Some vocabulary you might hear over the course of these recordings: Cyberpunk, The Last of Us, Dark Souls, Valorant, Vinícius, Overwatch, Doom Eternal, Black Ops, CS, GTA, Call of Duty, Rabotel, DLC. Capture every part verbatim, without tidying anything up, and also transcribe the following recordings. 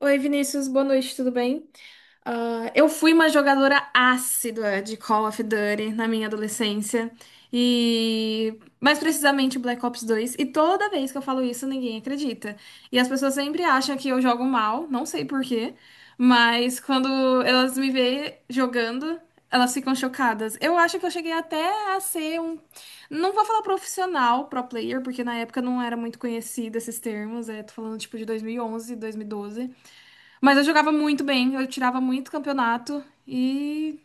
Oi, Vinícius, boa noite, tudo bem? Ah, eu fui uma jogadora ácida de Call of Duty na minha adolescência e mais precisamente Black Ops dois. E toda vez que eu falo isso, ninguém acredita. E as pessoas sempre acham que eu jogo mal, não sei por quê, mas quando elas me veem jogando, elas ficam chocadas. Eu acho que eu cheguei até a ser um, não vou falar profissional, pro player, porque na época não era muito conhecido esses termos. É, tô falando tipo de dois mil e onze, dois mil e doze. Mas eu jogava muito bem, eu tirava muito campeonato e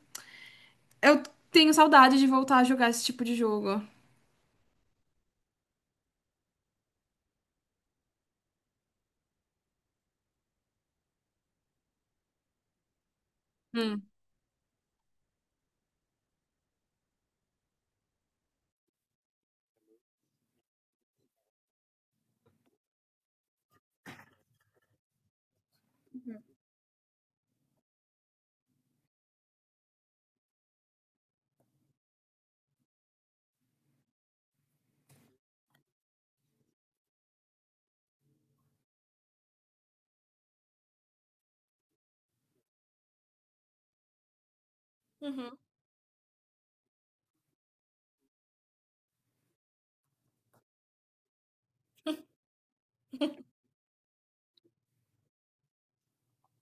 eu tenho saudade de voltar a jogar esse tipo de jogo. Hum. Uhum.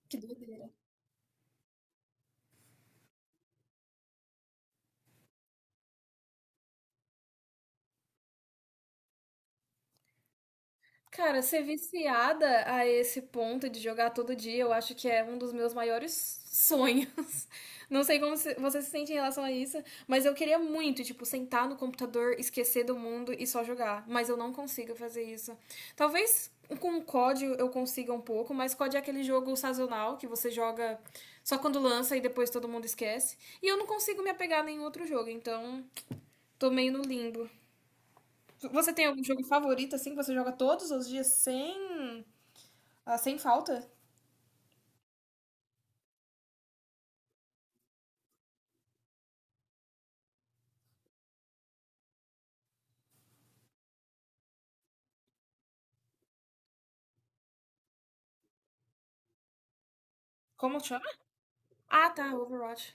Que doideira. Cara, ser viciada a esse ponto de jogar todo dia, eu acho que é um dos meus maiores sonhos. Não sei como se- você se sente em relação a isso, mas eu queria muito, tipo, sentar no computador, esquecer do mundo e só jogar. Mas eu não consigo fazer isso. Talvez com o C O D eu consiga um pouco, mas C O D é aquele jogo sazonal que você joga só quando lança e depois todo mundo esquece. E eu não consigo me apegar a nenhum outro jogo, então tô meio no limbo. Você tem algum jogo favorito, assim, que você joga todos os dias sem ah, sem falta? Como chama? Ah, tá, Overwatch.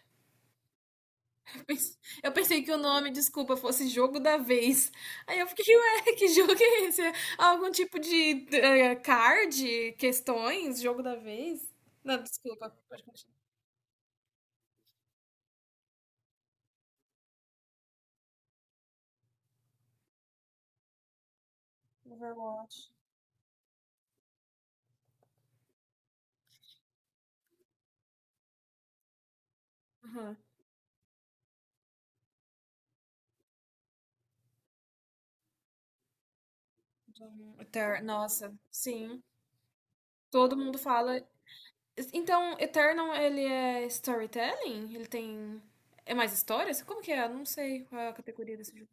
Eu pens- eu pensei que o nome, desculpa, fosse jogo da vez. Aí eu fiquei, ué, que jogo é esse? Algum tipo de eh, card, questões, jogo da vez? Não, desculpa, pode continuar. Overwatch. Aham. Doom Eter- Nossa, sim. Todo mundo fala. Então, Eternal, ele é storytelling? Ele tem. É mais histórias? Como que é? Eu não sei qual é a categoria desse jogo.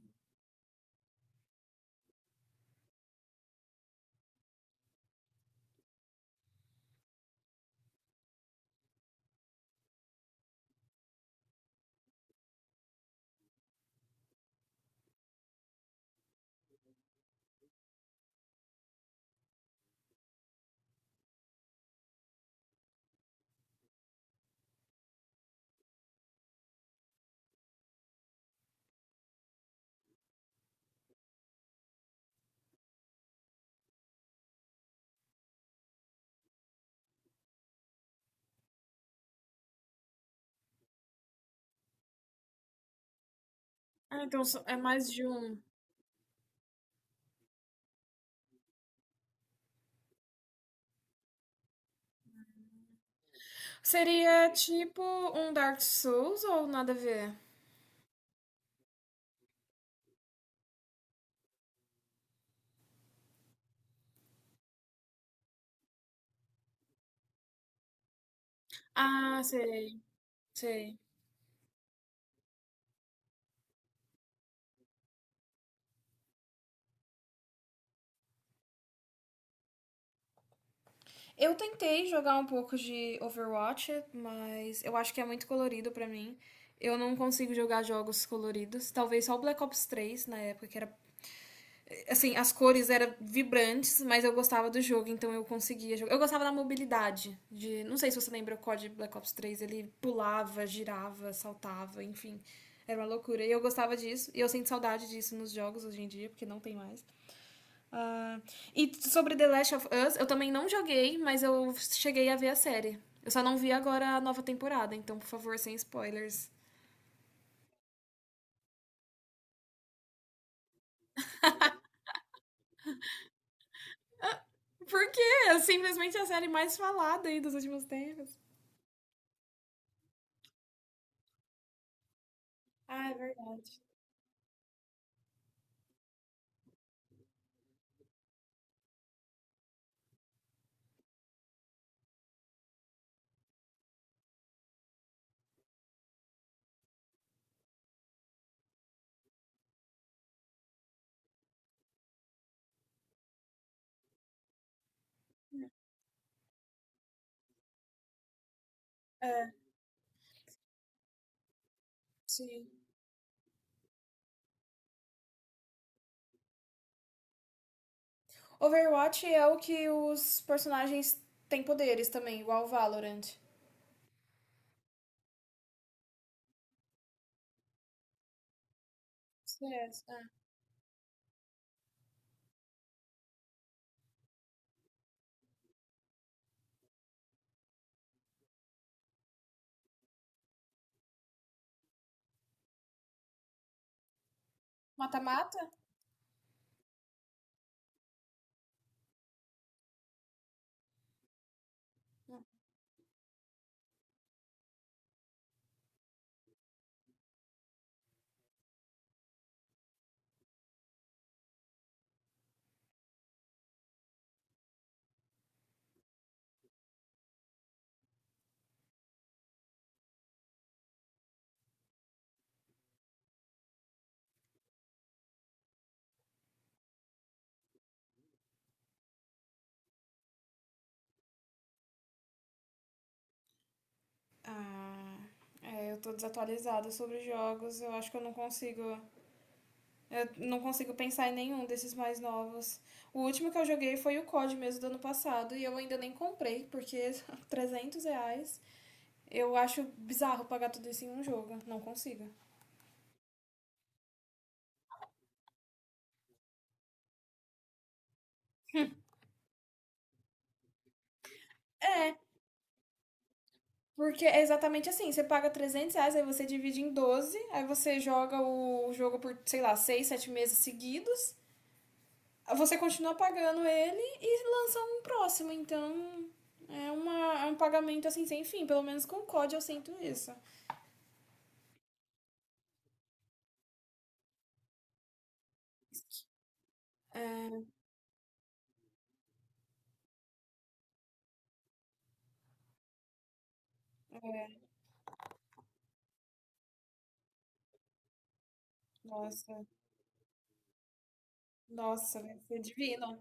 Ah, então só- é mais de um. Seria tipo um Dark Souls ou nada a ver? Ah, sei, sei. Eu tentei jogar um pouco de Overwatch, mas eu acho que é muito colorido pra mim. Eu não consigo jogar jogos coloridos. Talvez só o Black Ops três na época, que era assim, as cores eram vibrantes, mas eu gostava do jogo, então eu conseguia jogar. Eu gostava da mobilidade, de, não sei se você lembra o C O D Black Ops três, ele pulava, girava, saltava, enfim, era uma loucura. E eu gostava disso, e eu sinto saudade disso nos jogos hoje em dia, porque não tem mais. Ah, e sobre The Last of Us, eu também não joguei, mas eu cheguei a ver a série. Eu só não vi agora a nova temporada, então, por favor, sem spoilers. Porque é simplesmente a série mais falada aí dos últimos tempos. Ah, é verdade. É, sim. Overwatch é o que os personagens têm poderes também, igual o Valorant. C S. Ah, mata-mata? Ah, é, eu tô desatualizada sobre jogos. Eu acho que eu não consigo. Eu não consigo pensar em nenhum desses mais novos. O último que eu joguei foi o C O D mesmo do ano passado e eu ainda nem comprei, porque trezentos reais. Eu acho bizarro pagar tudo isso em um jogo. Não consigo. É. Porque é exatamente assim, você paga trezentos reais, aí você divide em doze, aí você joga o jogo por, sei lá, seis sete meses seguidos, você continua pagando ele e lança um próximo, então é, uma, é um pagamento assim sem fim, pelo menos com o C O D eu sinto isso. Nossa, nossa, vai ser divino.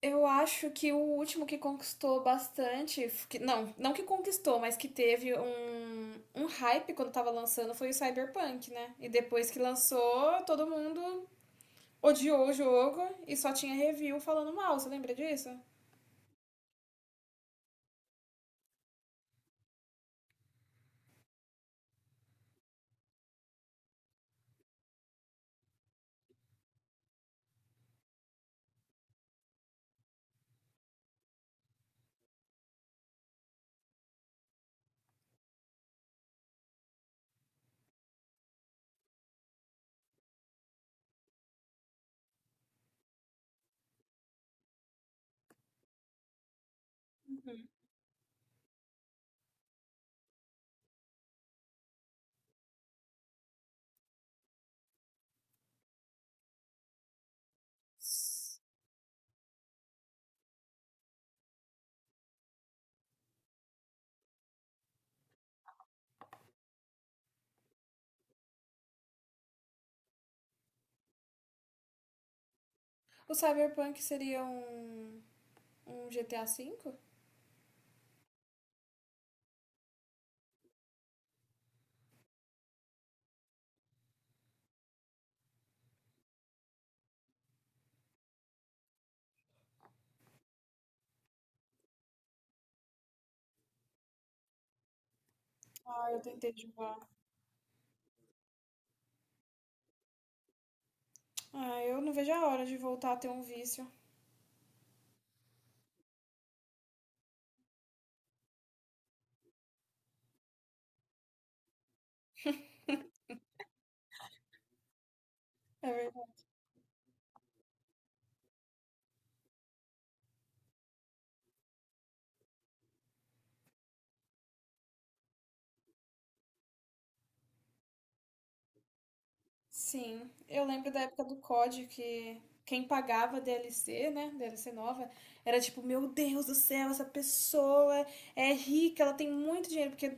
Eu acho que o último que conquistou bastante, que- não, não que conquistou, mas que teve um, um hype quando tava lançando foi o Cyberpunk, né? E depois que lançou, todo mundo odiou o jogo e só tinha review falando mal, você lembra disso? Uhum. O Cyberpunk seria um, um GTA cinco? Ah, eu tentei jogar. Ah, eu não vejo a hora de voltar a ter um vício. É. Sim, eu lembro da época do C O D que quem pagava D L C, né, D L C nova, era tipo, meu Deus do céu, essa pessoa é rica, ela tem muito dinheiro, porque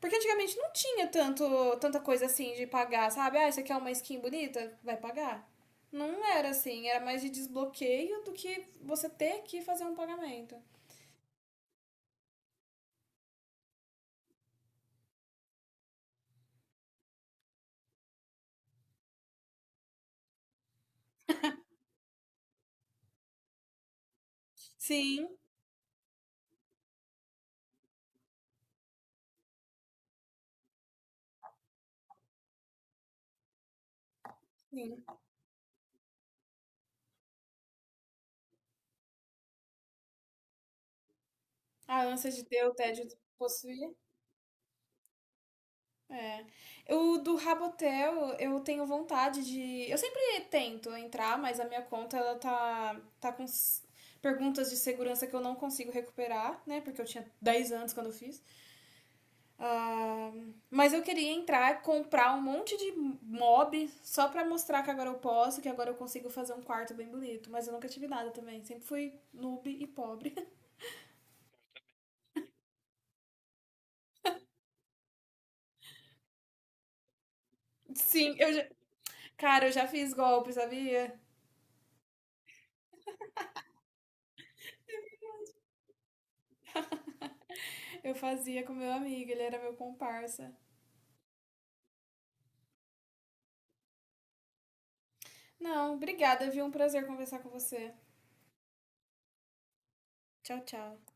porque antigamente não tinha tanto tanta coisa assim de pagar, sabe? Ah, você quer uma skin bonita? Vai pagar. Não era assim, era mais de desbloqueio do que você ter que fazer um pagamento. Sim, sim. A ânsia de ter o tédio de possuir. É. O do Rabotel, eu tenho vontade de. Eu sempre tento entrar, mas a minha conta ela tá, tá com s- perguntas de segurança que eu não consigo recuperar, né? Porque eu tinha dez anos quando eu fiz. Ah, mas eu queria entrar, comprar um monte de mob só pra mostrar que agora eu posso, que agora eu consigo fazer um quarto bem bonito. Mas eu nunca tive nada também. Sempre fui noob e pobre. Sim, eu já... cara, eu já fiz golpe, sabia? Eu fazia com meu amigo, ele era meu comparsa. Não, obrigada, viu? Um prazer conversar com você. Tchau, tchau.